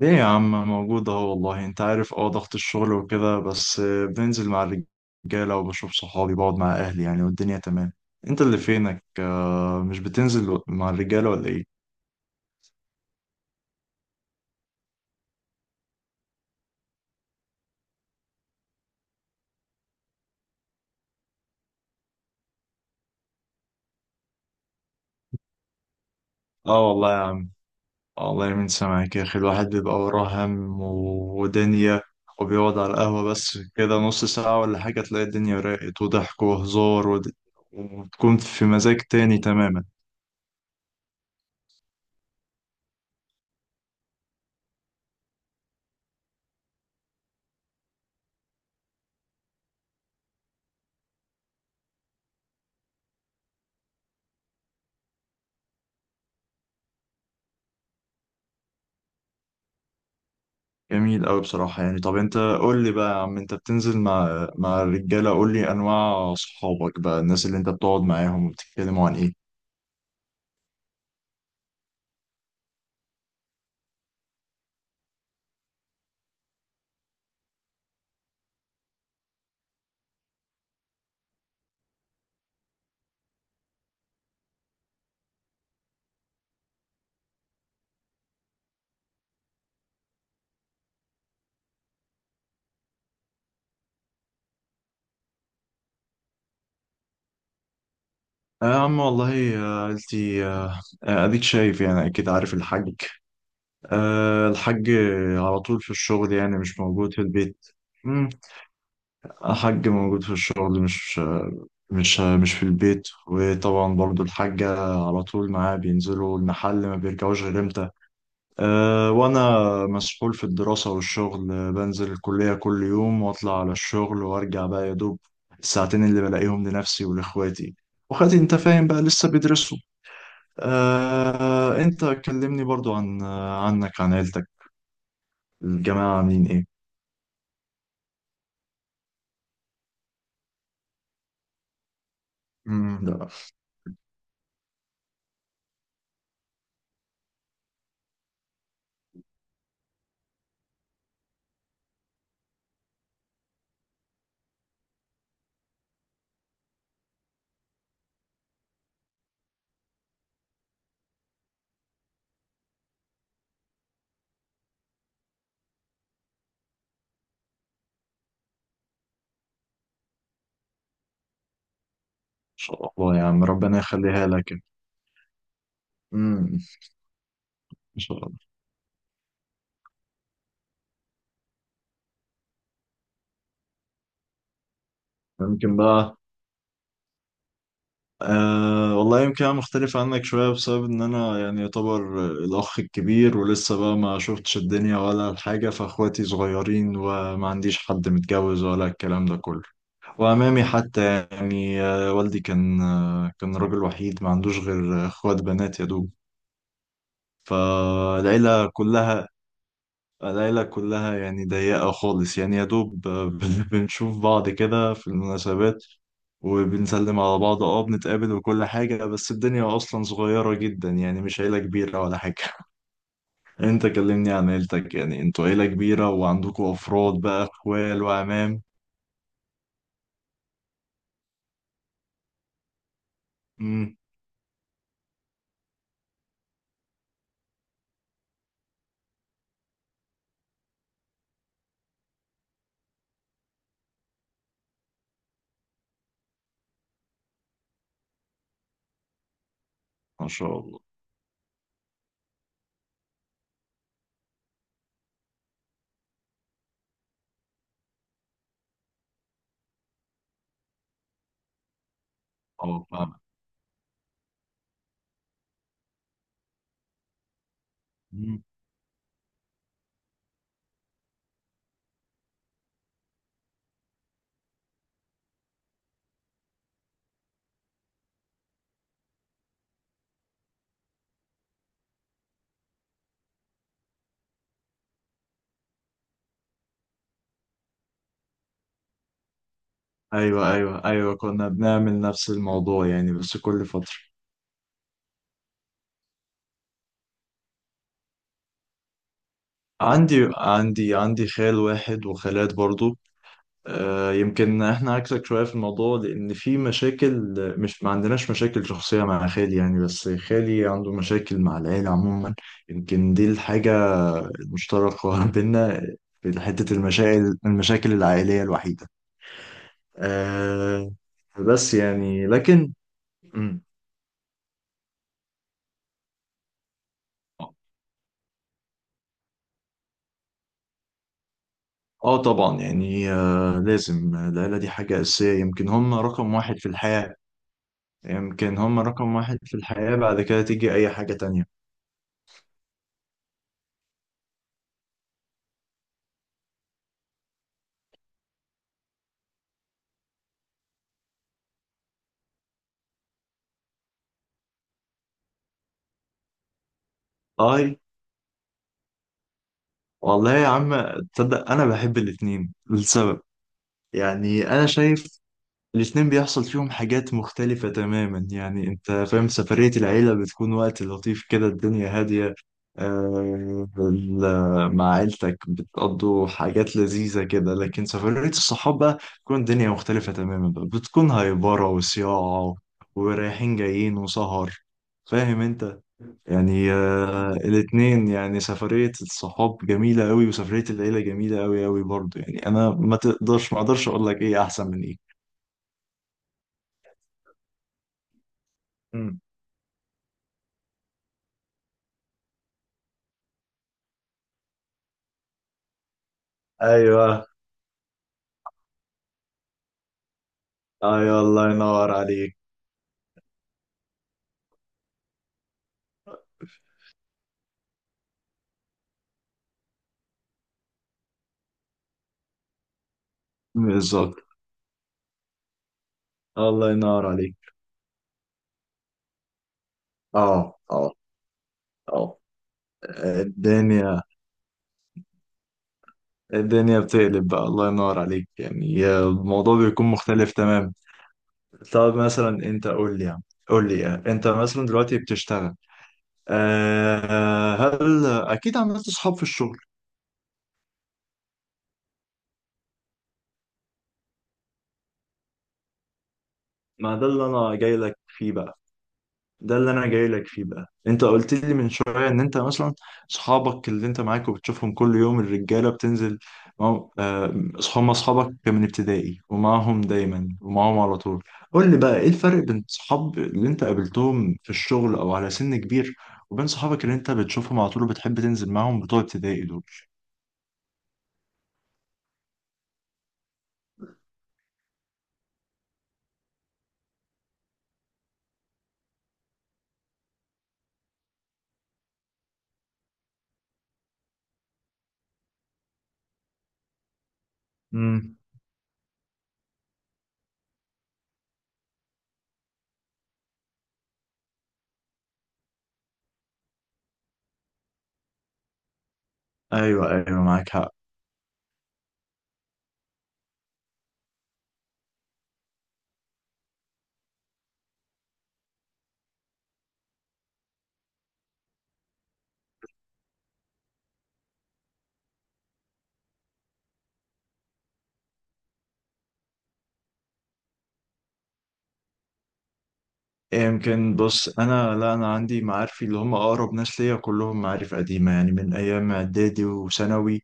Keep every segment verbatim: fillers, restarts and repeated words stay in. ليه يا عم؟ موجود اهو. والله انت عارف، اه ضغط الشغل وكده. بس بنزل مع الرجالة وبشوف صحابي، بقعد مع اهلي يعني، والدنيا تمام. انت اللي فينك؟ آه، مش بتنزل مع الرجالة ولا ايه؟ اه والله يا عم. آه والله، من سامعك يا اخي الواحد بيبقى وراه هم و- ودنيا، وبيقعد على القهوة بس كده نص ساعة ولا حاجة، تلاقي الدنيا راقت وضحك وهزار ود- وبتكون في مزاج تاني تماما. جميل أوي بصراحة يعني. طب أنت قول لي بقى يا عم، أنت بتنزل مع مع الرجالة، قول لي أنواع صحابك بقى، الناس اللي أنت بتقعد معاهم وبتتكلموا عن إيه؟ آه يا عم والله. آه، عيلتي، آه، آه، أديك شايف يعني، أكيد عارف الحاج. آه، الحاج على طول في الشغل، يعني مش موجود في البيت. مم. الحاج موجود في الشغل، مش مش مش في البيت. وطبعا برضو الحاجة على طول معاه، بينزلوا المحل ما بيرجعوش غير إمتى. أه، وأنا مسحول في الدراسة والشغل. آه، بنزل الكلية كل يوم وأطلع على الشغل وأرجع بقى يا دوب الساعتين اللي بلاقيهم لنفسي ولإخواتي. وإخواتي أنت فاهم بقى لسه بيدرسوا. أه، أنت كلمني برضو عن آه، عنك، عن عيلتك، الجماعة عاملين إيه؟ مم، لا إن شاء الله يا عم، ربنا يخليها لك. مم. إن شاء الله. ممكن بقى. أه والله، يمكن أنا مختلف عنك شوية، بسبب إن أنا يعني يعتبر الأخ الكبير، ولسه بقى ما شفتش الدنيا ولا الحاجة، فأخواتي صغيرين وما عنديش حد متجوز ولا الكلام ده كله. وأمامي حتى يعني، آه، والدي كان آه، كان راجل وحيد ما عندوش غير أخوات بنات يا دوب. فالعيلة كلها العيلة كلها يعني ضيقة خالص، يعني يا دوب آه، بن- بنشوف بعض كده في المناسبات وبنسلم على بعض. اه، بنتقابل وكل حاجة، بس الدنيا أصلا صغيرة جدا، يعني مش عيلة كبيرة ولا حاجة. أنت كلمني عن عيلتك، يعني أنتوا عيلة كبيرة وعندكوا أفراد بقى، أخوال وعمام؟ مم. ما شاء الله. أه، فاهم. مم. أيوة، أيوة، أيوة، كنا بنعمل نفس الموضوع يعني، بس كل فترة. عندي عندي عندي خال واحد وخالات برضو. آه، يمكن احنا عكسك شوية في الموضوع، لأن في مشاكل، مش ما عندناش مشاكل شخصية مع خالي يعني، بس خالي عنده مشاكل مع العيلة عموما. يمكن دي الحاجة المشتركة بينا، في حتة المشاكل المشاكل العائلية الوحيدة. أه، بس يعني لكن. مم. اه، طبعا يعني. آه لازم العيلة دي حاجة أساسية، يمكن هم رقم واحد في الحياة. يمكن هم رقم واحد في الحياة، بعد كده تيجي أي حاجة تانية. اه والله يا عم، تصدق انا بحب الاتنين لسبب، يعني انا شايف الاتنين بيحصل فيهم حاجات مختلفة تماما، يعني انت فاهم، سفرية العيلة بتكون وقت لطيف كده، الدنيا هادية. آه، ال- مع عيلتك بتقضوا حاجات لذيذة كده، لكن سفرية الصحاب بقى بتكون الدنيا مختلفة تماما بقى، بتكون هايبرة وصياعة ورايحين جايين وسهر، فاهم انت، يعني آه، الاتنين يعني، سفرية الصحاب جميلة قوي، وسفرية العيلة جميلة قوي قوي برضه يعني، أنا ما تقدرش ما أقدرش أقول لك إيه أحسن من إيه. مم. أيوه، أيوه، الله ينور عليك. بالظبط. الله ينور عليك. أه، أه، أه. الدنيا الدنيا بتقلب بقى، الله ينور عليك، يعني آه، الموضوع بيكون مختلف تمام. طب مثلا أنت قول لي يعني قول لي آه، أنت مثلا دلوقتي بتشتغل. أه آه، هل أكيد عملت صحاب في الشغل؟ ما ده اللي انا جاي لك فيه بقى. ده اللي انا جاي لك فيه بقى، انت قلت لي من شويه ان انت مثلا اصحابك اللي انت معاك وبتشوفهم كل يوم، الرجاله بتنزل معاهم، آه، هم اصحابك من ابتدائي، ومعاهم دايما ومعاهم على طول. قول لي بقى ايه الفرق بين صحاب اللي انت قابلتهم في الشغل او على سن كبير، وبين صحابك اللي انت بتشوفهم على طول وبتحب تنزل معاهم بتوع ابتدائي دول؟ امم ايوه، ايوه، معاك حق. إيه، يمكن بص، انا لا انا عندي معارفي اللي هم اقرب ناس ليا كلهم معارف قديمه، يعني من ايام اعدادي وثانوي.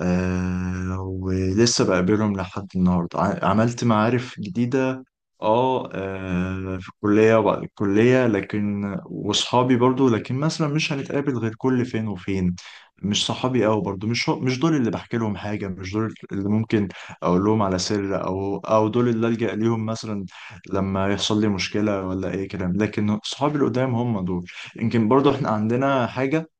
آه، ولسه بقابلهم لحد النهارده. ع- عملت معارف جديده اه آه، في الكليه وبعد الكليه، لكن واصحابي برضو، لكن مثلا مش هنتقابل غير كل فين وفين. مش صحابي قوي برضو، مش هو- مش دول اللي بحكي لهم حاجه، مش دول اللي ممكن اقول لهم على سر، او او دول اللي الجا ليهم مثلا لما يحصل لي مشكلة ولا أي كلام. لكن صحابي القدام هم دول. يمكن برضو احنا عندنا حاجة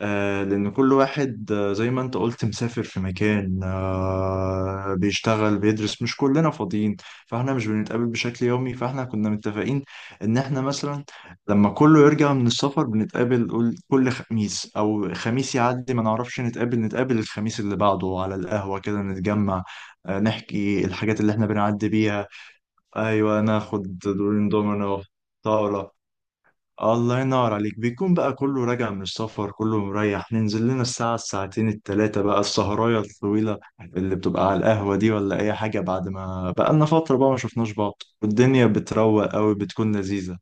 آه لأن كل واحد آه زي ما أنت قلت مسافر في مكان، آه بيشتغل بيدرس، مش كلنا فاضيين، فاحنا مش بنتقابل بشكل يومي. فاحنا كنا متفقين إن احنا مثلا لما كله يرجع من السفر بنتقابل، قول- كل خميس أو خميس يعدي ما نعرفش، نتقابل نتقابل الخميس اللي بعده على القهوة كده نتجمع. آه، نحكي الحاجات اللي احنا بنعدي بيها. ايوه، ناخد دورين دومينو طاوله. الله ينور عليك، بيكون بقى كله راجع من السفر كله مريح، ننزل لنا الساعة الساعتين التلاتة بقى، السهرايه الطويله اللي بتبقى على القهوه دي ولا اي حاجه، بعد ما بقى لنا فتره بقى ما شفناش بعض، والدنيا بتروق قوي، بتكون لذيذه.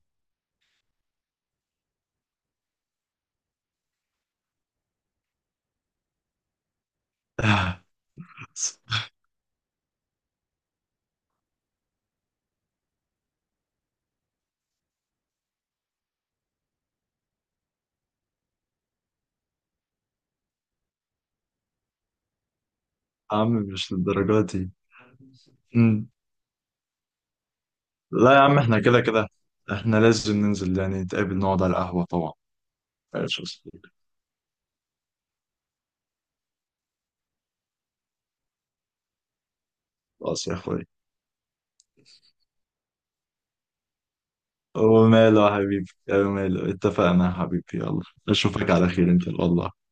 عم، مش للدرجه دي. مم. لا يا عم، احنا كده كده احنا لازم ننزل يعني، نتقابل نقعد على القهوة طبعا. ماشي يا صديقي. خلاص يا اخوي. وماله يا حبيبي. وماله، اتفقنا يا حبيبي، يلا. اشوفك على خير ان شاء الله.